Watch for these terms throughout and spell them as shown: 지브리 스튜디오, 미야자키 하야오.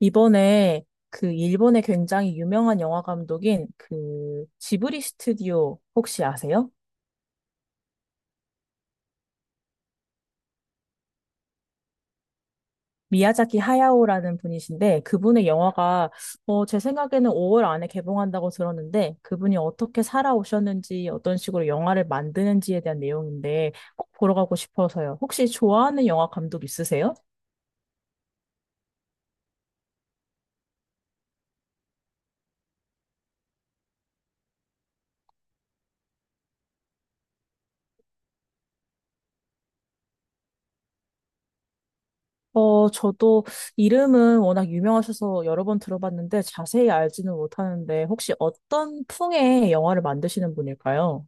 이번에 그 일본의 굉장히 유명한 영화 감독인 그 지브리 스튜디오 혹시 아세요? 미야자키 하야오라는 분이신데 그분의 영화가 제 생각에는 5월 안에 개봉한다고 들었는데 그분이 어떻게 살아오셨는지 어떤 식으로 영화를 만드는지에 대한 내용인데 꼭 보러 가고 싶어서요. 혹시 좋아하는 영화 감독 있으세요? 어, 저도 이름은 워낙 유명하셔서 여러 번 들어봤는데 자세히 알지는 못하는데 혹시 어떤 풍의 영화를 만드시는 분일까요?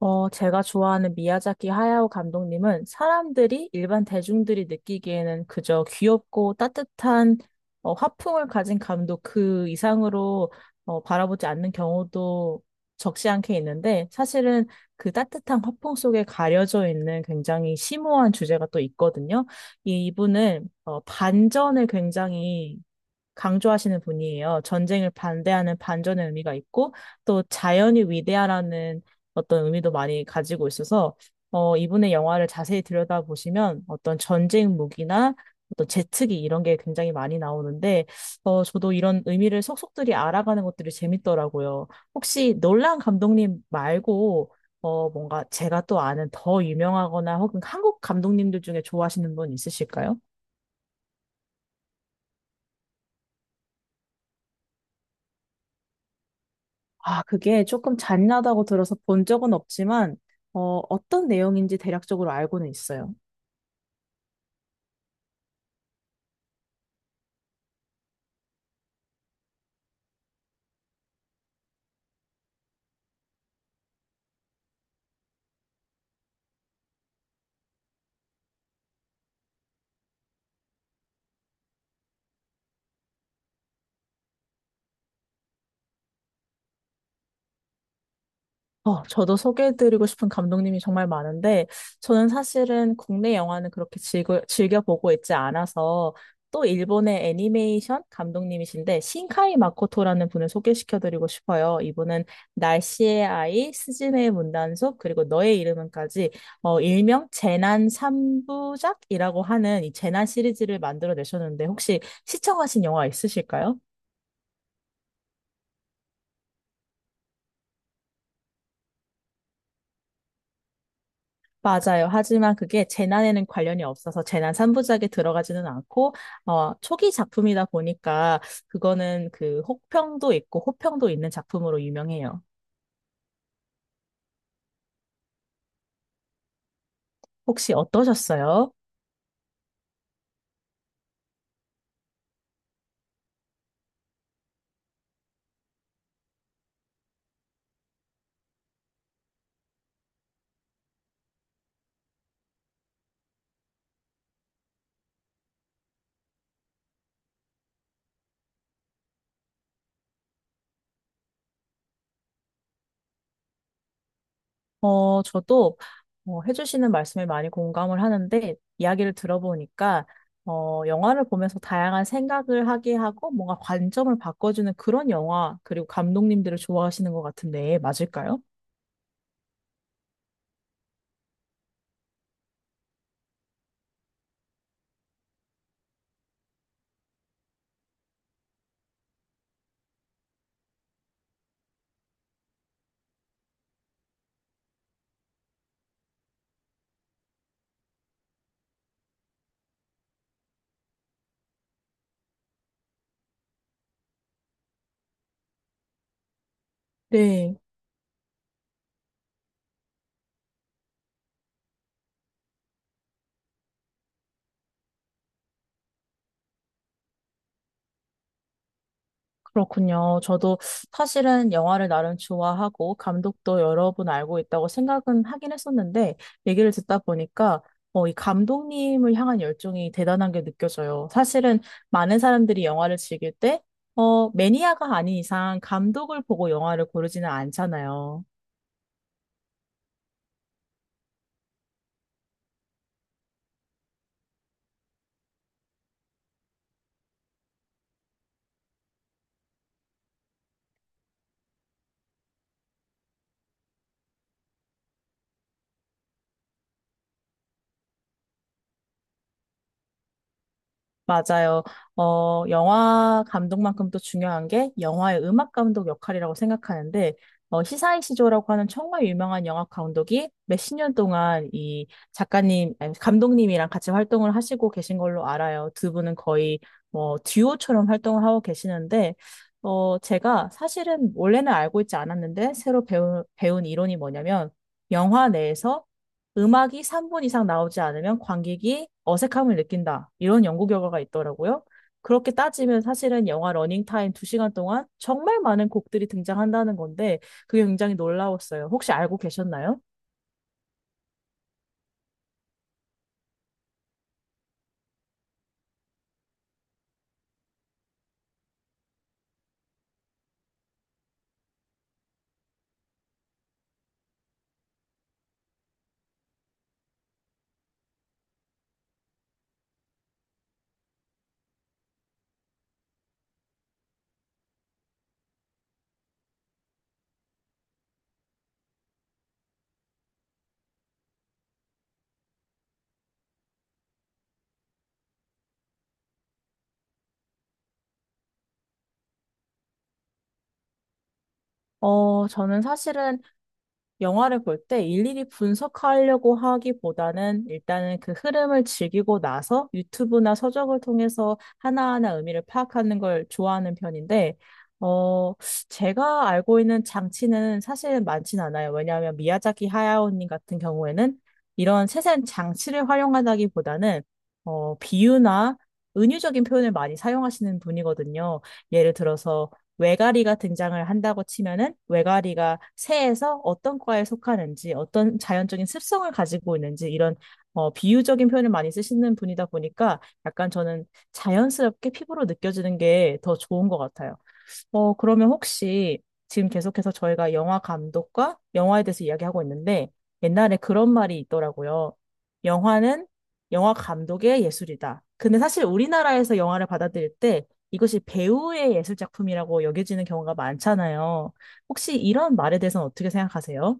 제가 좋아하는 미야자키 하야오 감독님은 사람들이 일반 대중들이 느끼기에는 그저 귀엽고 따뜻한 화풍을 가진 감독 그 이상으로 바라보지 않는 경우도 적지 않게 있는데 사실은 그 따뜻한 화풍 속에 가려져 있는 굉장히 심오한 주제가 또 있거든요. 이분은 반전을 굉장히 강조하시는 분이에요. 전쟁을 반대하는 반전의 의미가 있고 또 자연이 위대하라는 어떤 의미도 많이 가지고 있어서 이분의 영화를 자세히 들여다보시면 어떤 전쟁 무기나 어떤 제트기 이런 게 굉장히 많이 나오는데 저도 이런 의미를 속속들이 알아가는 것들이 재밌더라고요. 혹시 놀란 감독님 말고 뭔가 제가 또 아는 더 유명하거나 혹은 한국 감독님들 중에 좋아하시는 분 있으실까요? 아, 그게 조금 잔인하다고 들어서 본 적은 없지만, 어떤 내용인지 대략적으로 알고는 있어요. 저도 소개해드리고 싶은 감독님이 정말 많은데, 저는 사실은 국내 영화는 그렇게 즐겨보고 있지 않아서, 또 일본의 애니메이션 감독님이신데, 신카이 마코토라는 분을 소개시켜드리고 싶어요. 이분은 날씨의 아이, 스즈메의 문단속, 그리고 너의 이름은까지, 일명 재난 삼부작이라고 하는 이 재난 시리즈를 만들어내셨는데, 혹시 시청하신 영화 있으실까요? 맞아요. 하지만 그게 재난에는 관련이 없어서 재난 3부작에 들어가지는 않고, 초기 작품이다 보니까 그거는 그 혹평도 있고 호평도 있는 작품으로 유명해요. 혹시 어떠셨어요? 어, 저도 해주시는 말씀에 많이 공감을 하는데, 이야기를 들어보니까, 영화를 보면서 다양한 생각을 하게 하고 뭔가 관점을 바꿔주는 그런 영화, 그리고 감독님들을 좋아하시는 것 같은데, 맞을까요? 네. 그렇군요. 저도 사실은 영화를 나름 좋아하고 감독도 여러 분 알고 있다고 생각은 하긴 했었는데 얘기를 듣다 보니까 이 감독님을 향한 열정이 대단한 게 느껴져요. 사실은 많은 사람들이 영화를 즐길 때 매니아가 아닌 이상 감독을 보고 영화를 고르지는 않잖아요. 맞아요. 영화 감독만큼 또 중요한 게 영화의 음악 감독 역할이라고 생각하는데, 시사이시조라고 하는 정말 유명한 영화 감독이 몇 십 년 동안 이 작가님, 아니, 감독님이랑 같이 활동을 하시고 계신 걸로 알아요. 두 분은 거의 뭐 듀오처럼 활동을 하고 계시는데, 제가 사실은 원래는 알고 있지 않았는데, 새로 배운 이론이 뭐냐면, 영화 내에서 음악이 3분 이상 나오지 않으면 관객이 어색함을 느낀다. 이런 연구 결과가 있더라고요. 그렇게 따지면 사실은 영화 러닝타임 2시간 동안 정말 많은 곡들이 등장한다는 건데 그게 굉장히 놀라웠어요. 혹시 알고 계셨나요? 저는 사실은 영화를 볼 때 일일이 분석하려고 하기보다는 일단은 그 흐름을 즐기고 나서 유튜브나 서적을 통해서 하나하나 의미를 파악하는 걸 좋아하는 편인데, 어, 제가 알고 있는 장치는 사실 많진 않아요. 왜냐하면 미야자키 하야오님 같은 경우에는 이런 세세한 장치를 활용하다기보다는 비유나 은유적인 표현을 많이 사용하시는 분이거든요. 예를 들어서 외가리가 등장을 한다고 치면은 외가리가 새에서 어떤 과에 속하는지, 어떤 자연적인 습성을 가지고 있는지 이런 비유적인 표현을 많이 쓰시는 분이다 보니까 약간 저는 자연스럽게 피부로 느껴지는 게 더 좋은 것 같아요. 그러면 혹시 지금 계속해서 저희가 영화 감독과 영화에 대해서 이야기하고 있는데 옛날에 그런 말이 있더라고요. 영화는 영화 감독의 예술이다. 근데 사실 우리나라에서 영화를 받아들일 때 이것이 배우의 예술 작품이라고 여겨지는 경우가 많잖아요. 혹시 이런 말에 대해서는 어떻게 생각하세요?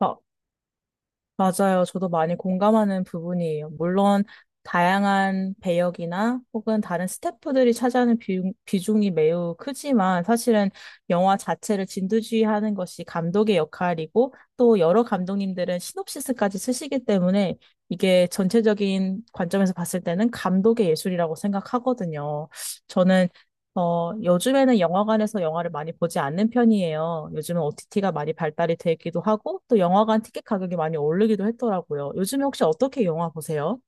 어, 맞아요. 저도 많이 공감하는 부분이에요. 물론 다양한 배역이나 혹은 다른 스태프들이 차지하는 비중이 매우 크지만 사실은 영화 자체를 진두지휘하는 것이 감독의 역할이고 또 여러 감독님들은 시놉시스까지 쓰시기 때문에 이게 전체적인 관점에서 봤을 때는 감독의 예술이라고 생각하거든요. 저는 요즘에는 영화관에서 영화를 많이 보지 않는 편이에요. 요즘은 OTT가 많이 발달이 되기도 하고, 또 영화관 티켓 가격이 많이 오르기도 했더라고요. 요즘에 혹시 어떻게 영화 보세요?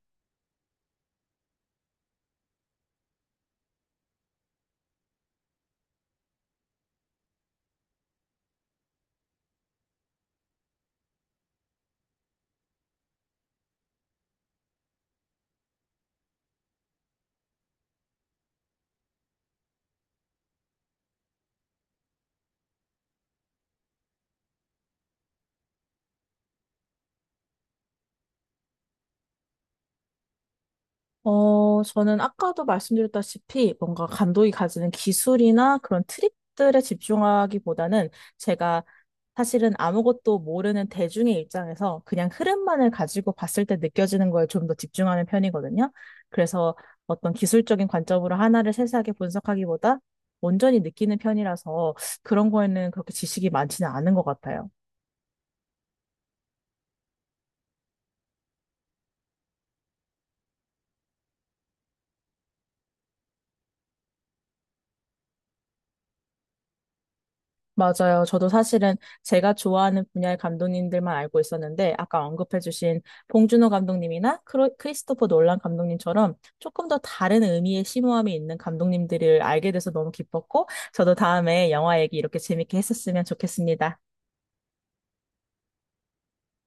저는 아까도 말씀드렸다시피 뭔가 감독이 가지는 기술이나 그런 트릭들에 집중하기보다는 제가 사실은 아무것도 모르는 대중의 입장에서 그냥 흐름만을 가지고 봤을 때 느껴지는 거에 좀 더 집중하는 편이거든요. 그래서 어떤 기술적인 관점으로 하나를 세세하게 분석하기보다 온전히 느끼는 편이라서 그런 거에는 그렇게 지식이 많지는 않은 것 같아요. 맞아요. 저도 사실은 제가 좋아하는 분야의 감독님들만 알고 있었는데, 아까 언급해주신 봉준호 감독님이나 크리스토퍼 놀란 감독님처럼 조금 더 다른 의미의 심오함이 있는 감독님들을 알게 돼서 너무 기뻤고, 저도 다음에 영화 얘기 이렇게 재밌게 했었으면 좋겠습니다.